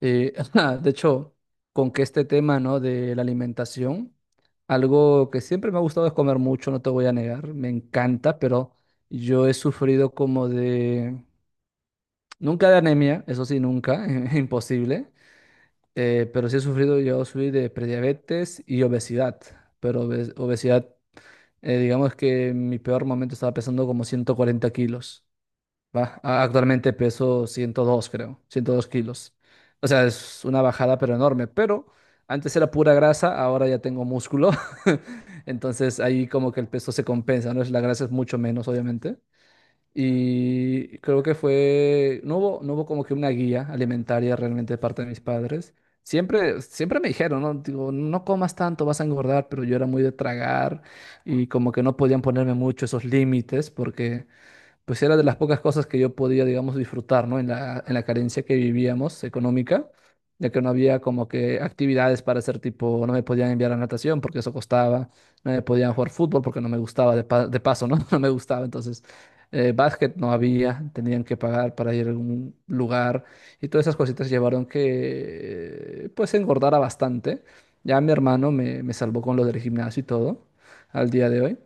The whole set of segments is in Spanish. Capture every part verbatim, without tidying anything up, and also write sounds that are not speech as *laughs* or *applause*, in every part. Eh, *laughs* de hecho, con que este tema, ¿no? De la alimentación, algo que siempre me ha gustado es comer mucho, no te voy a negar, me encanta, pero yo he sufrido como de, nunca de anemia, eso sí, nunca, *laughs* imposible, eh, pero sí he sufrido, yo sufrí de prediabetes y obesidad, pero obes- obesidad. Eh, digamos que en mi peor momento estaba pesando como ciento cuarenta kilos. Va, a- actualmente peso ciento dos, creo, ciento dos kilos. O sea, es una bajada, pero enorme. Pero antes era pura grasa, ahora ya tengo músculo. *laughs* Entonces ahí como que el peso se compensa, ¿no? Es- La grasa es mucho menos, obviamente. Y creo que fue, no hubo, no hubo como que una guía alimentaria realmente de parte de mis padres. Siempre, siempre me dijeron, ¿no? Digo, no comas tanto, vas a engordar, pero yo era muy de tragar y como que no podían ponerme mucho esos límites porque pues era de las pocas cosas que yo podía, digamos, disfrutar, ¿no? En la, en la carencia que vivíamos económica, ya que no había como que actividades para hacer tipo, no me podían enviar a natación porque eso costaba, no me podían jugar fútbol porque no me gustaba, de, pa- de paso, ¿no? *laughs* No me gustaba, entonces, eh, básquet no había, tenían que pagar para ir a algún lugar y todas esas cositas llevaron que, eh, pues, engordara bastante. Ya mi hermano me, me salvó con lo del gimnasio y todo al día de hoy.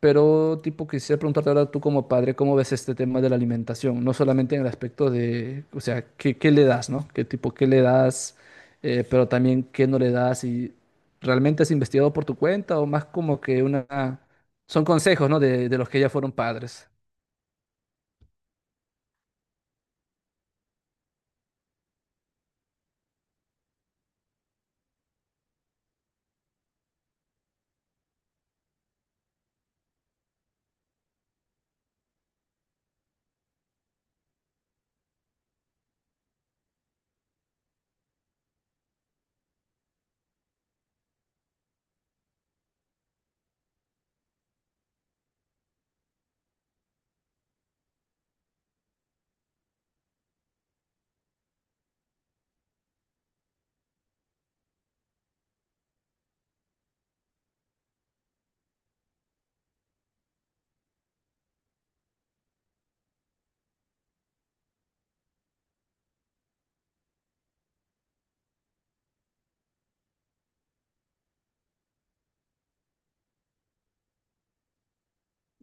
Pero, tipo, quisiera preguntarte ahora tú como padre, ¿cómo ves este tema de la alimentación? No solamente en el aspecto de, o sea, ¿qué, qué le das, no? ¿Qué tipo, qué le das? Eh, pero también, ¿qué no le das? ¿Y realmente has investigado por tu cuenta o más como que una... Son consejos, ¿no? De, de, los que ya fueron padres.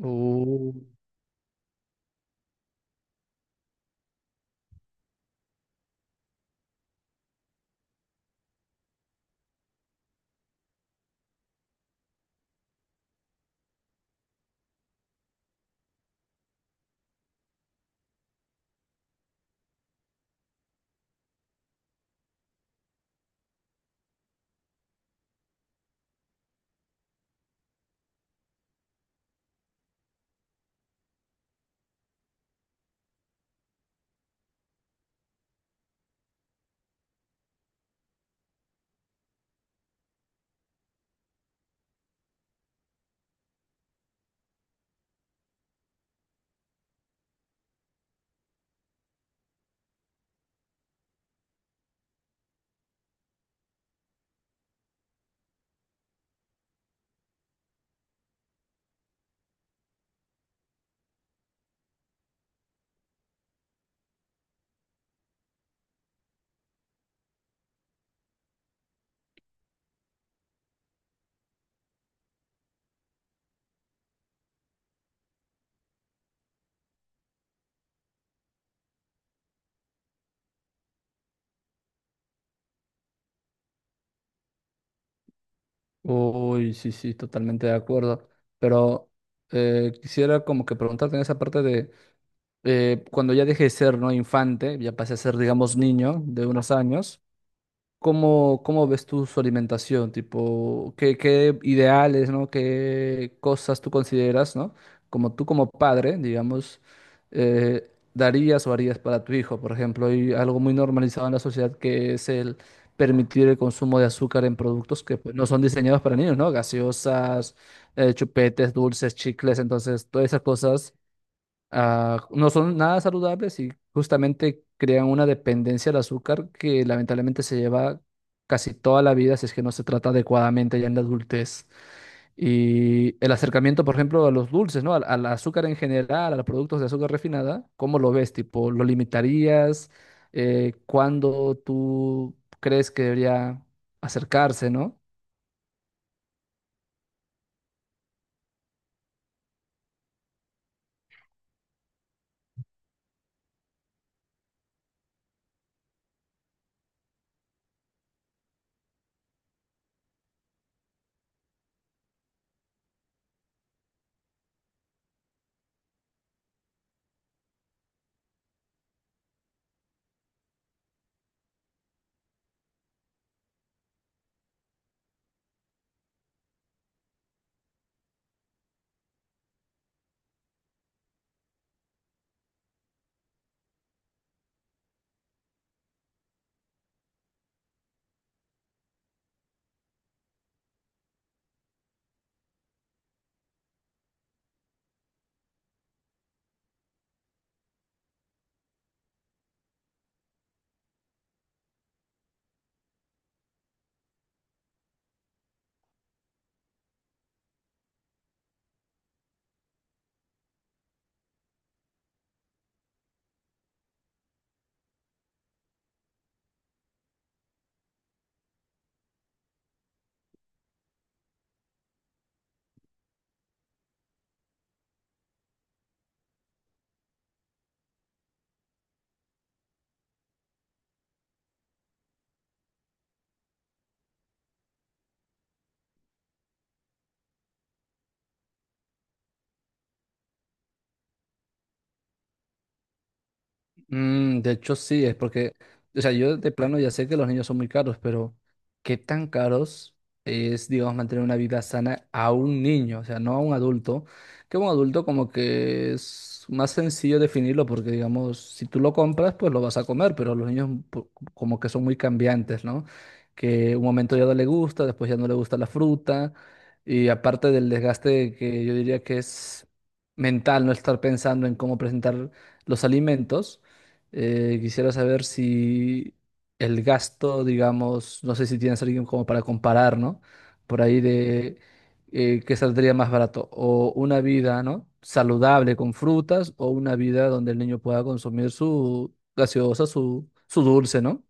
Uh, Uy, sí, sí, totalmente de acuerdo. Pero eh, quisiera como que preguntarte en esa parte de, eh, cuando ya dejé de ser, ¿no? Infante, ya pasé a ser, digamos, niño de unos años. ¿Cómo, cómo ves tú su alimentación? Tipo, ¿qué, qué ideales, ¿no? ¿Qué cosas tú consideras, ¿no? Como tú como padre, digamos, eh, darías o harías para tu hijo, por ejemplo. Hay algo muy normalizado en la sociedad que es el permitir el consumo de azúcar en productos que pues, no son diseñados para niños, ¿no? Gaseosas, eh, chupetes, dulces, chicles, entonces, todas esas cosas ah, no son nada saludables y justamente crean una dependencia al azúcar que lamentablemente se lleva casi toda la vida si es que no se trata adecuadamente ya en la adultez. Y el acercamiento, por ejemplo, a los dulces, ¿no? Al, al azúcar en general, a los productos de azúcar refinada, ¿cómo lo ves? Tipo, ¿lo limitarías? Eh, ¿cuándo tú crees que debería acercarse, ¿no? Mm, de hecho, sí, es porque, o sea, yo de plano ya sé que los niños son muy caros, pero ¿qué tan caros es, digamos, mantener una vida sana a un niño? O sea, no a un adulto, que un adulto como que es más sencillo definirlo porque, digamos, si tú lo compras, pues lo vas a comer, pero los niños po- como que son muy cambiantes, ¿no? Que un momento ya no le gusta, después ya no le gusta la fruta, y aparte del desgaste que yo diría que es mental, no estar pensando en cómo presentar los alimentos. Eh, quisiera saber si el gasto, digamos, no sé si tienes alguien como para comparar, ¿no? Por ahí de eh, qué saldría más barato, o una vida, ¿no? Saludable con frutas, o una vida donde el niño pueda consumir su gaseosa, su, su dulce, ¿no?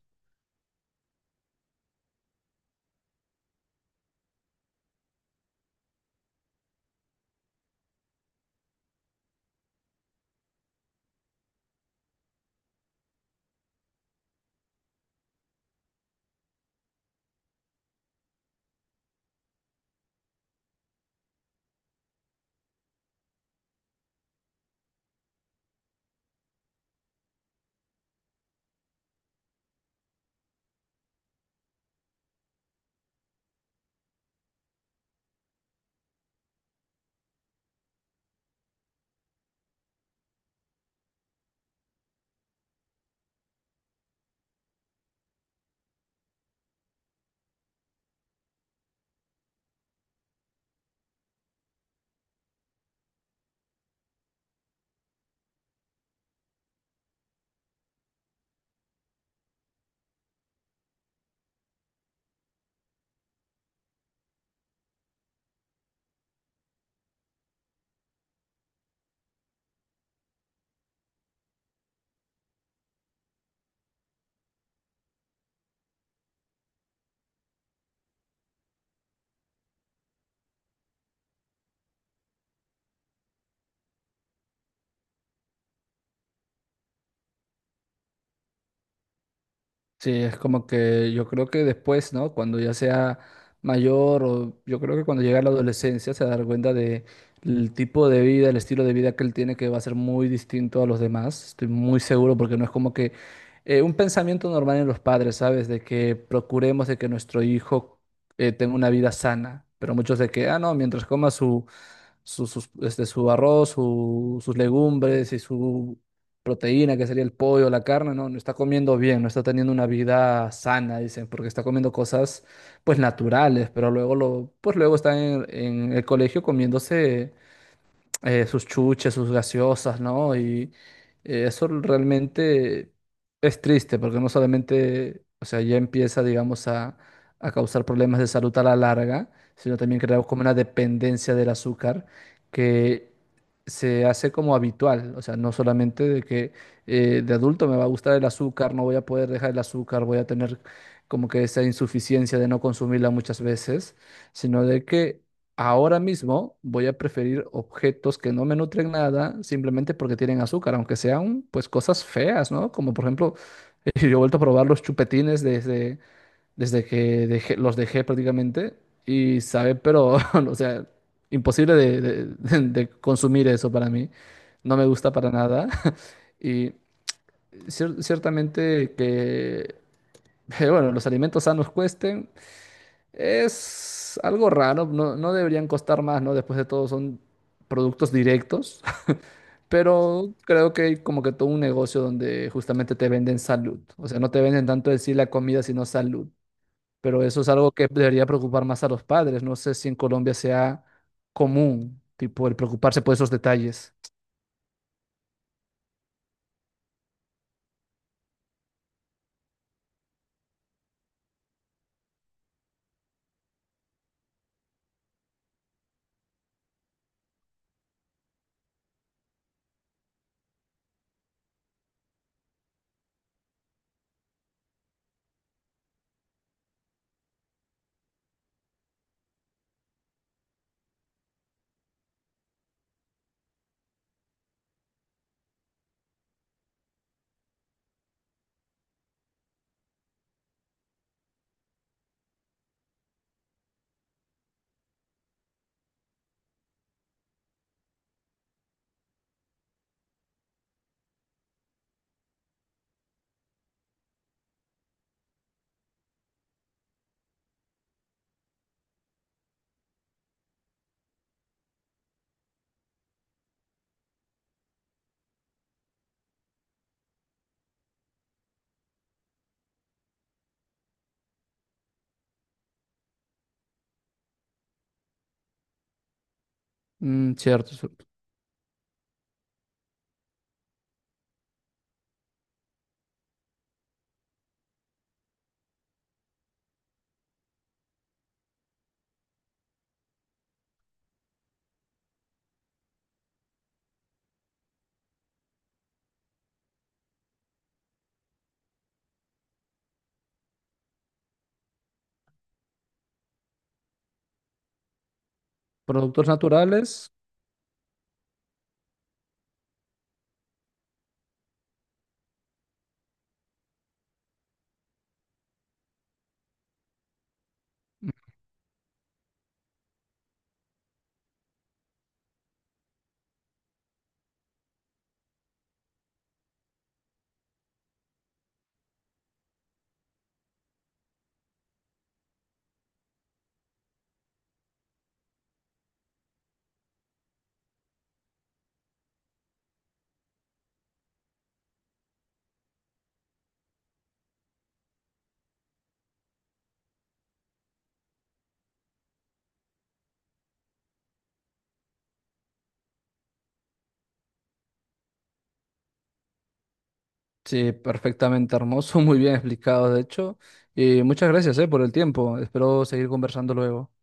Sí, es como que yo creo que después, ¿no? Cuando ya sea mayor o yo creo que cuando llega a la adolescencia se dará cuenta de el tipo de vida, el estilo de vida que él tiene que va a ser muy distinto a los demás. Estoy muy seguro porque no es como que eh, un pensamiento normal en los padres, ¿sabes? De que procuremos de que nuestro hijo eh, tenga una vida sana, pero muchos de que, ah, no, mientras coma su, sus- este, su arroz, su- sus legumbres y su proteína, que sería el pollo, la carne, no, no está comiendo bien, no está teniendo una vida sana, dicen, porque está comiendo cosas pues naturales, pero luego lo, pues luego está en, en el colegio comiéndose eh, sus chuches, sus gaseosas, ¿no? Y eh, eso realmente es triste porque no solamente, o sea, ya empieza, digamos, a, a causar problemas de salud a la larga, sino también creamos como una dependencia del azúcar que se hace como habitual, o sea, no solamente de que eh, de adulto me va a gustar el azúcar, no voy a poder dejar el azúcar, voy a tener como que esa insuficiencia de no consumirla muchas veces, sino de que ahora mismo voy a preferir objetos que no me nutren nada simplemente porque tienen azúcar, aunque sean pues cosas feas, ¿no? Como por ejemplo, *laughs* yo he vuelto a probar los chupetines desde, desde que dejé- los dejé prácticamente y sabe, pero, *laughs* o sea, imposible de, de- *laughs* de- de consumir eso para mí. No me gusta para nada. *laughs* Y cier- ciertamente que, *laughs* bueno, los alimentos sanos cuesten. Es algo raro, no, no deberían costar más, ¿no? Después de todo son productos directos, *laughs* pero creo que hay como que todo un negocio donde justamente te venden salud. O sea, no te venden tanto decir la comida, sino salud. Pero eso es algo que debería preocupar más a los padres. No sé si en Colombia sea común, tipo, el preocuparse por esos detalles. Mm, cierto. Su- Productos naturales, sí, perfectamente hermoso, *laughs* muy bien explicado, de hecho. Y muchas gracias, eh, por el tiempo. Espero seguir conversando luego.